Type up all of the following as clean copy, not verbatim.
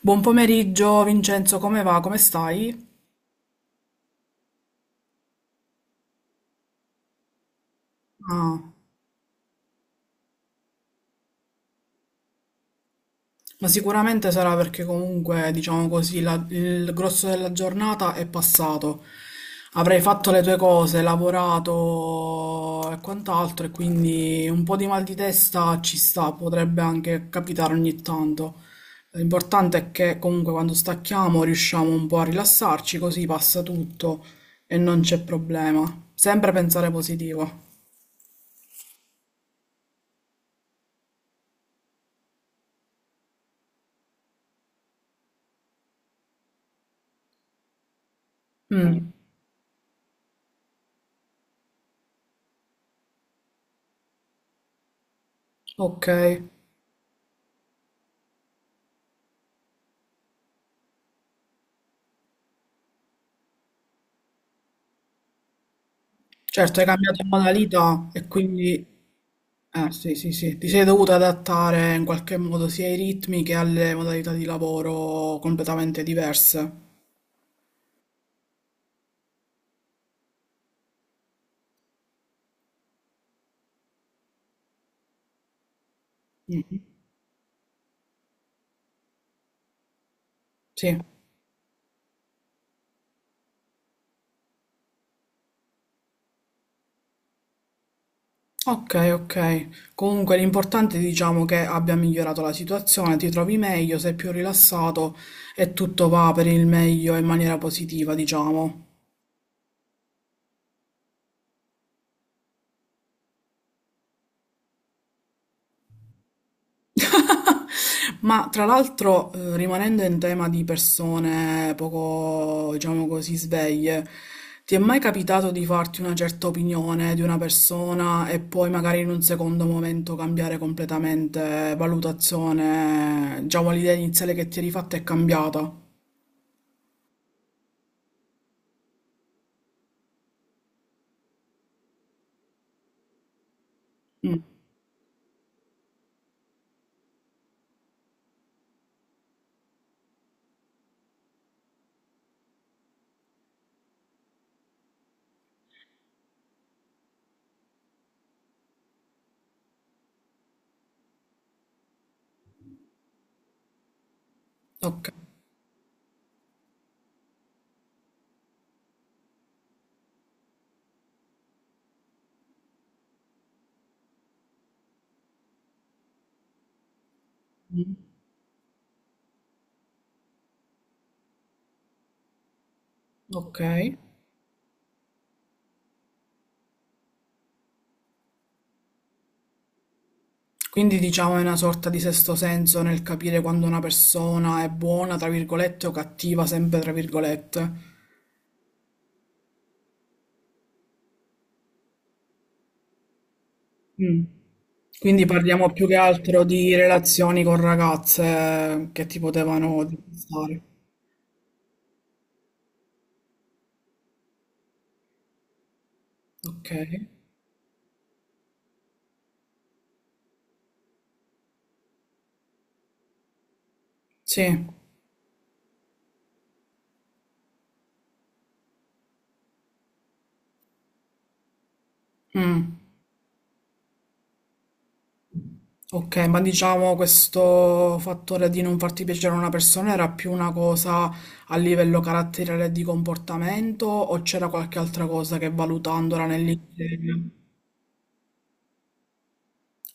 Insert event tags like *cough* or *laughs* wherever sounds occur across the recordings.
Buon pomeriggio Vincenzo, come va? Come stai? Ah, ma sicuramente sarà perché comunque, diciamo così, il grosso della giornata è passato. Avrai fatto le tue cose, lavorato e quant'altro, e quindi un po' di mal di testa ci sta, potrebbe anche capitare ogni tanto. L'importante è che comunque quando stacchiamo riusciamo un po' a rilassarci, così passa tutto e non c'è problema. Sempre pensare positivo. Mm, ok. Certo, hai cambiato modalità e quindi sì, sì, sì, ti sei dovuta adattare in qualche modo sia ai ritmi che alle modalità di lavoro completamente diverse. Mm, sì, ok, ok. Comunque l'importante è diciamo che abbia migliorato la situazione, ti trovi meglio, sei più rilassato e tutto va per il meglio in maniera positiva, diciamo. *laughs* Ma tra l'altro, rimanendo in tema di persone poco, diciamo così, sveglie, ti è mai capitato di farti una certa opinione di una persona e poi magari in un secondo momento cambiare completamente valutazione, diciamo l'idea iniziale che ti eri fatta è cambiata? Mm, ok. Mm, ok. Quindi diciamo è una sorta di sesto senso nel capire quando una persona è buona, tra virgolette, o cattiva, sempre tra virgolette. Mm. Quindi parliamo più che altro di relazioni con ragazze che ti potevano distare. Ok. Sì. Mm. Ok, ma diciamo questo fattore di non farti piacere a una persona era più una cosa a livello caratteriale e di comportamento o c'era qualche altra cosa che valutandola nell'insieme?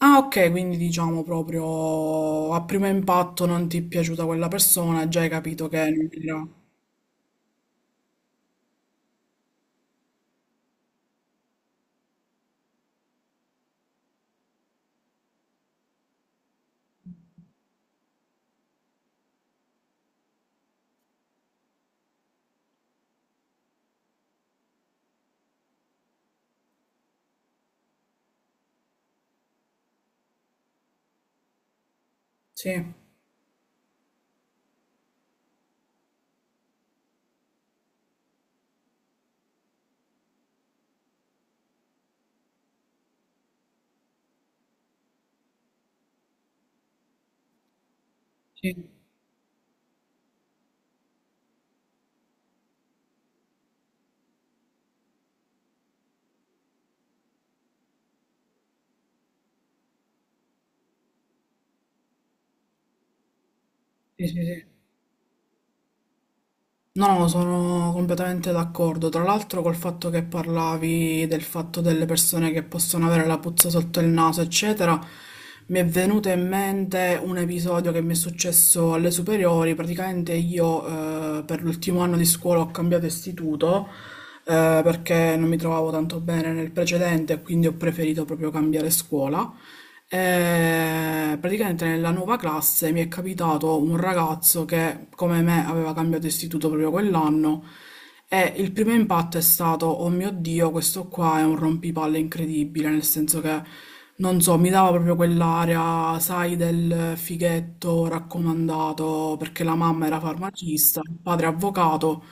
Ah, ok, quindi diciamo proprio a primo impatto non ti è piaciuta quella persona, già hai capito che non era. Sì, sì, sì, sì. Sì. No, no, sono completamente d'accordo. Tra l'altro col fatto che parlavi del fatto delle persone che possono avere la puzza sotto il naso, eccetera, mi è venuto in mente un episodio che mi è successo alle superiori. Praticamente io per l'ultimo anno di scuola ho cambiato istituto perché non mi trovavo tanto bene nel precedente, quindi ho preferito proprio cambiare scuola. E praticamente nella nuova classe mi è capitato un ragazzo che, come me, aveva cambiato istituto proprio quell'anno e il primo impatto è stato, oh mio Dio, questo qua è un rompipalle incredibile, nel senso che, non so, mi dava proprio quell'area, sai, del fighetto raccomandato perché la mamma era farmacista, il padre avvocato,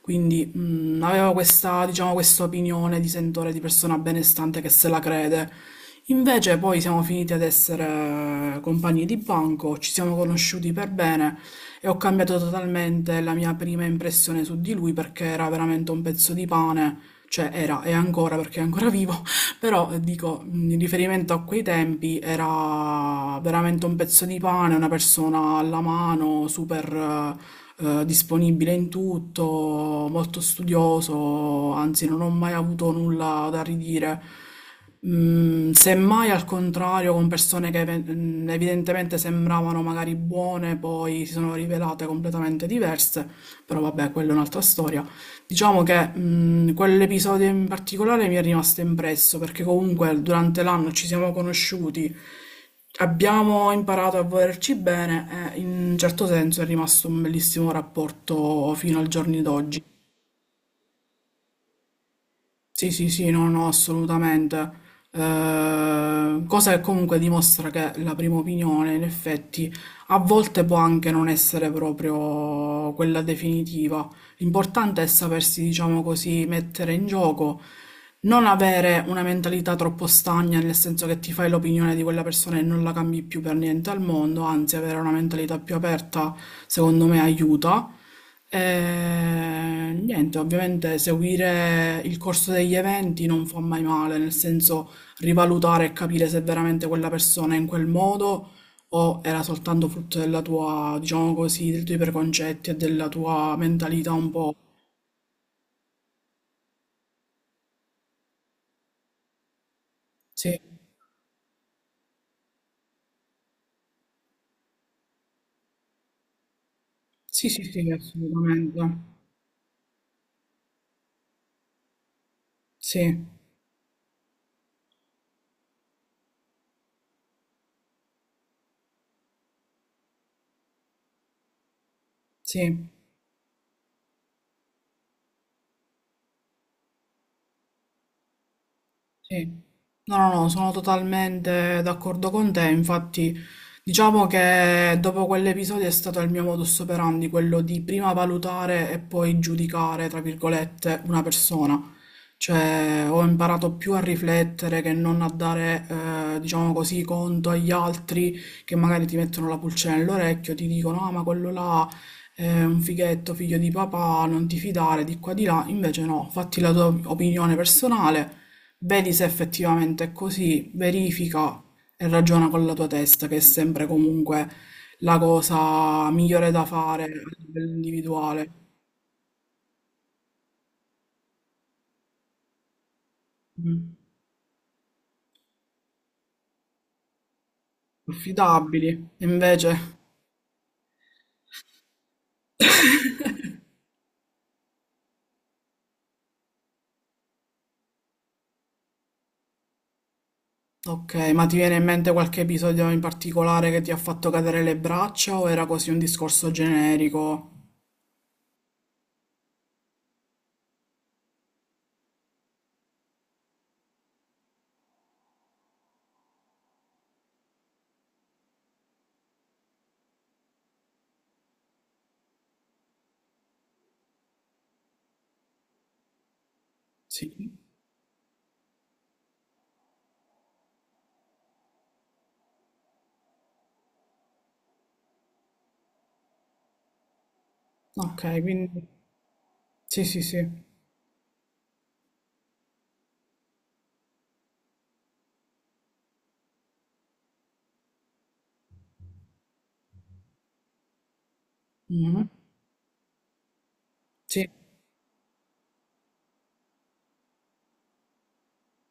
quindi avevo questa, diciamo, questa opinione di sentore, di persona benestante che se la crede. Invece poi siamo finiti ad essere compagni di banco, ci siamo conosciuti per bene e ho cambiato totalmente la mia prima impressione su di lui perché era veramente un pezzo di pane, cioè era e ancora perché è ancora vivo, però dico, in riferimento a quei tempi era veramente un pezzo di pane, una persona alla mano, super disponibile in tutto, molto studioso, anzi non ho mai avuto nulla da ridire. Mm, semmai al contrario, con persone che evidentemente sembravano magari buone, poi si sono rivelate completamente diverse, però vabbè, quella è un'altra storia. Diciamo che quell'episodio in particolare mi è rimasto impresso perché comunque durante l'anno ci siamo conosciuti, abbiamo imparato a volerci bene e in un certo senso è rimasto un bellissimo rapporto fino al giorno d'oggi. Sì, sì, sì, no, no, assolutamente. Cosa che comunque dimostra che la prima opinione, in effetti, a volte può anche non essere proprio quella definitiva. L'importante è sapersi, diciamo così, mettere in gioco, non avere una mentalità troppo stagna, nel senso che ti fai l'opinione di quella persona e non la cambi più per niente al mondo, anzi, avere una mentalità più aperta, secondo me, aiuta. Niente, ovviamente seguire il corso degli eventi non fa mai male, nel senso rivalutare e capire se veramente quella persona è in quel modo o era soltanto frutto della tua, diciamo così, dei tuoi preconcetti e della tua mentalità un po'. Sì, sì, sì, sì, assolutamente. Sì, sì. Sì. No, no, no, sono totalmente d'accordo con te. Infatti, diciamo che dopo quell'episodio è stato il mio modus operandi, quello di prima valutare e poi giudicare, tra virgolette, una persona. Cioè, ho imparato più a riflettere che non a dare, diciamo così, conto agli altri che magari ti mettono la pulcina nell'orecchio, ti dicono, ah, ma quello là è un fighetto, figlio di papà, non ti fidare di qua di là. Invece no, fatti la tua opinione personale. Vedi se effettivamente è così, verifica e ragiona con la tua testa, che è sempre comunque la cosa migliore da fare a livello individuale. Mm. Affidabili. E invece, ok, ma ti viene in mente qualche episodio in particolare che ti ha fatto cadere le braccia o era così un discorso generico? Sì. Ok, quindi sì, sì, sì. Mhm. Sì,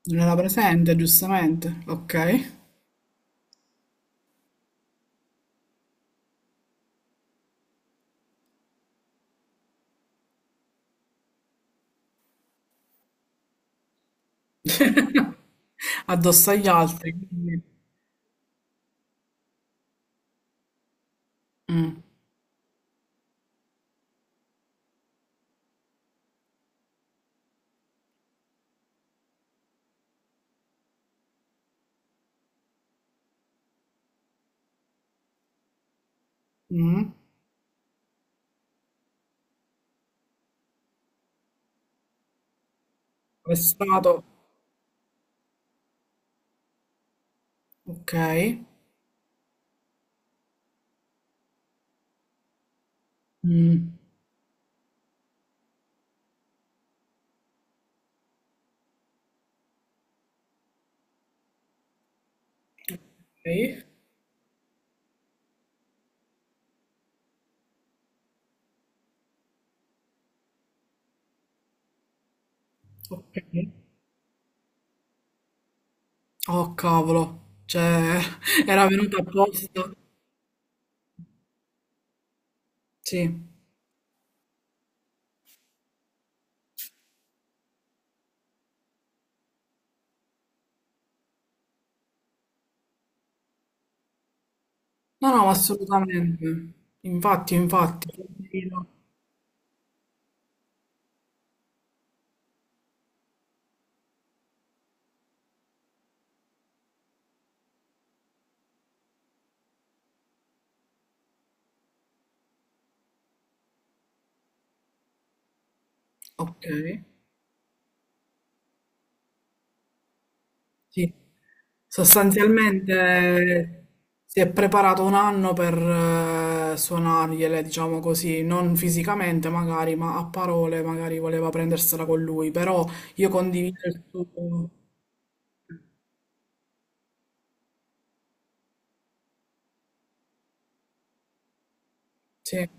non era presente, giustamente. Ok. Addosso agli altri, quindi- Mm. Mm. Arrestato. Ok. Mm. Ok. Ok. Oh cavolo, cioè *laughs* era venuto apposta. Sì. No, no, ma assolutamente. Infatti, infatti. Ok. Sì. Sostanzialmente si è preparato un anno per suonargliele, diciamo così, non fisicamente magari, ma a parole magari voleva prendersela con lui, però io condivido il suo... Sì.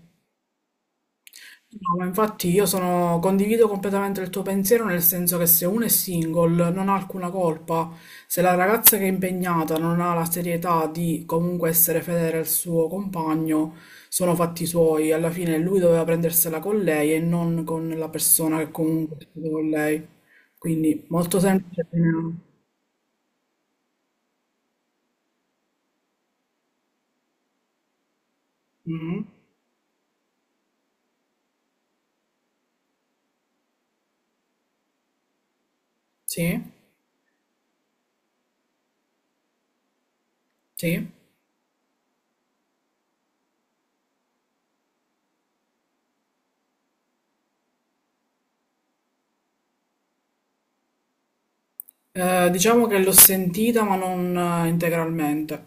No, ma infatti io sono, condivido completamente il tuo pensiero nel senso che se uno è single non ha alcuna colpa, se la ragazza che è impegnata non ha la serietà di comunque essere fedele al suo compagno, sono fatti suoi, alla fine lui doveva prendersela con lei e non con la persona che comunque è stata con lei. Quindi molto semplice. Mhm. Sì, sì. Diciamo che l'ho sentita ma non integralmente.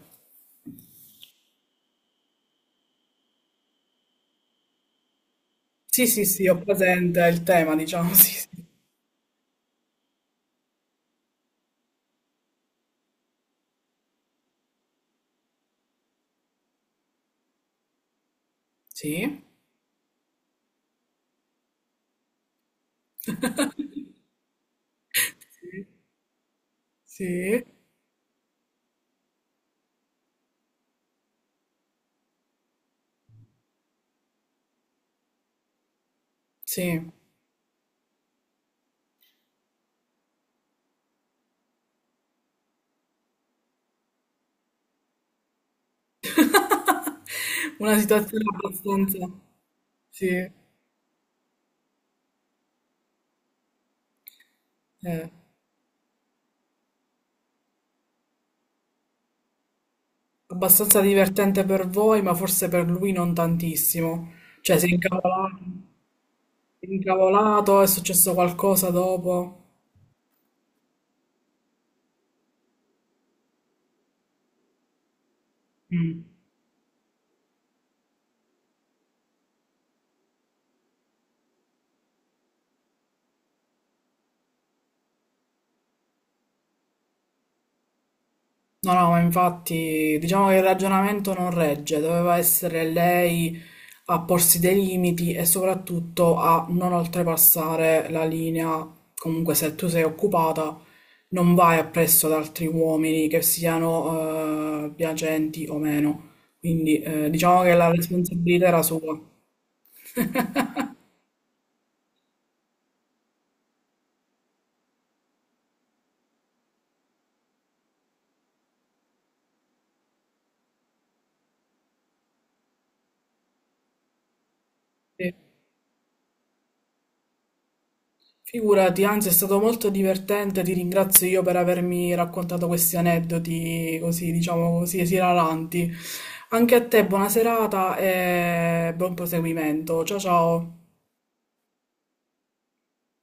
Sì, sì, sì, ho presente il tema, diciamo, *laughs* sì, sì. Sì, sì, sì. Una situazione abbastanza, sì, eh, abbastanza divertente per voi, ma forse per lui non tantissimo. Cioè, si è incavolato, è successo qualcosa dopo. Mm. No, no, ma infatti diciamo che il ragionamento non regge, doveva essere lei a porsi dei limiti e soprattutto a non oltrepassare la linea. Comunque, se tu sei occupata, non vai appresso ad altri uomini, che siano piacenti o meno. Quindi diciamo che la responsabilità era sua. Sì. Figurati, anzi è stato molto divertente, ti ringrazio io per avermi raccontato questi aneddoti così, diciamo così, esilaranti. Anche a te buona serata e buon proseguimento. Ciao ciao.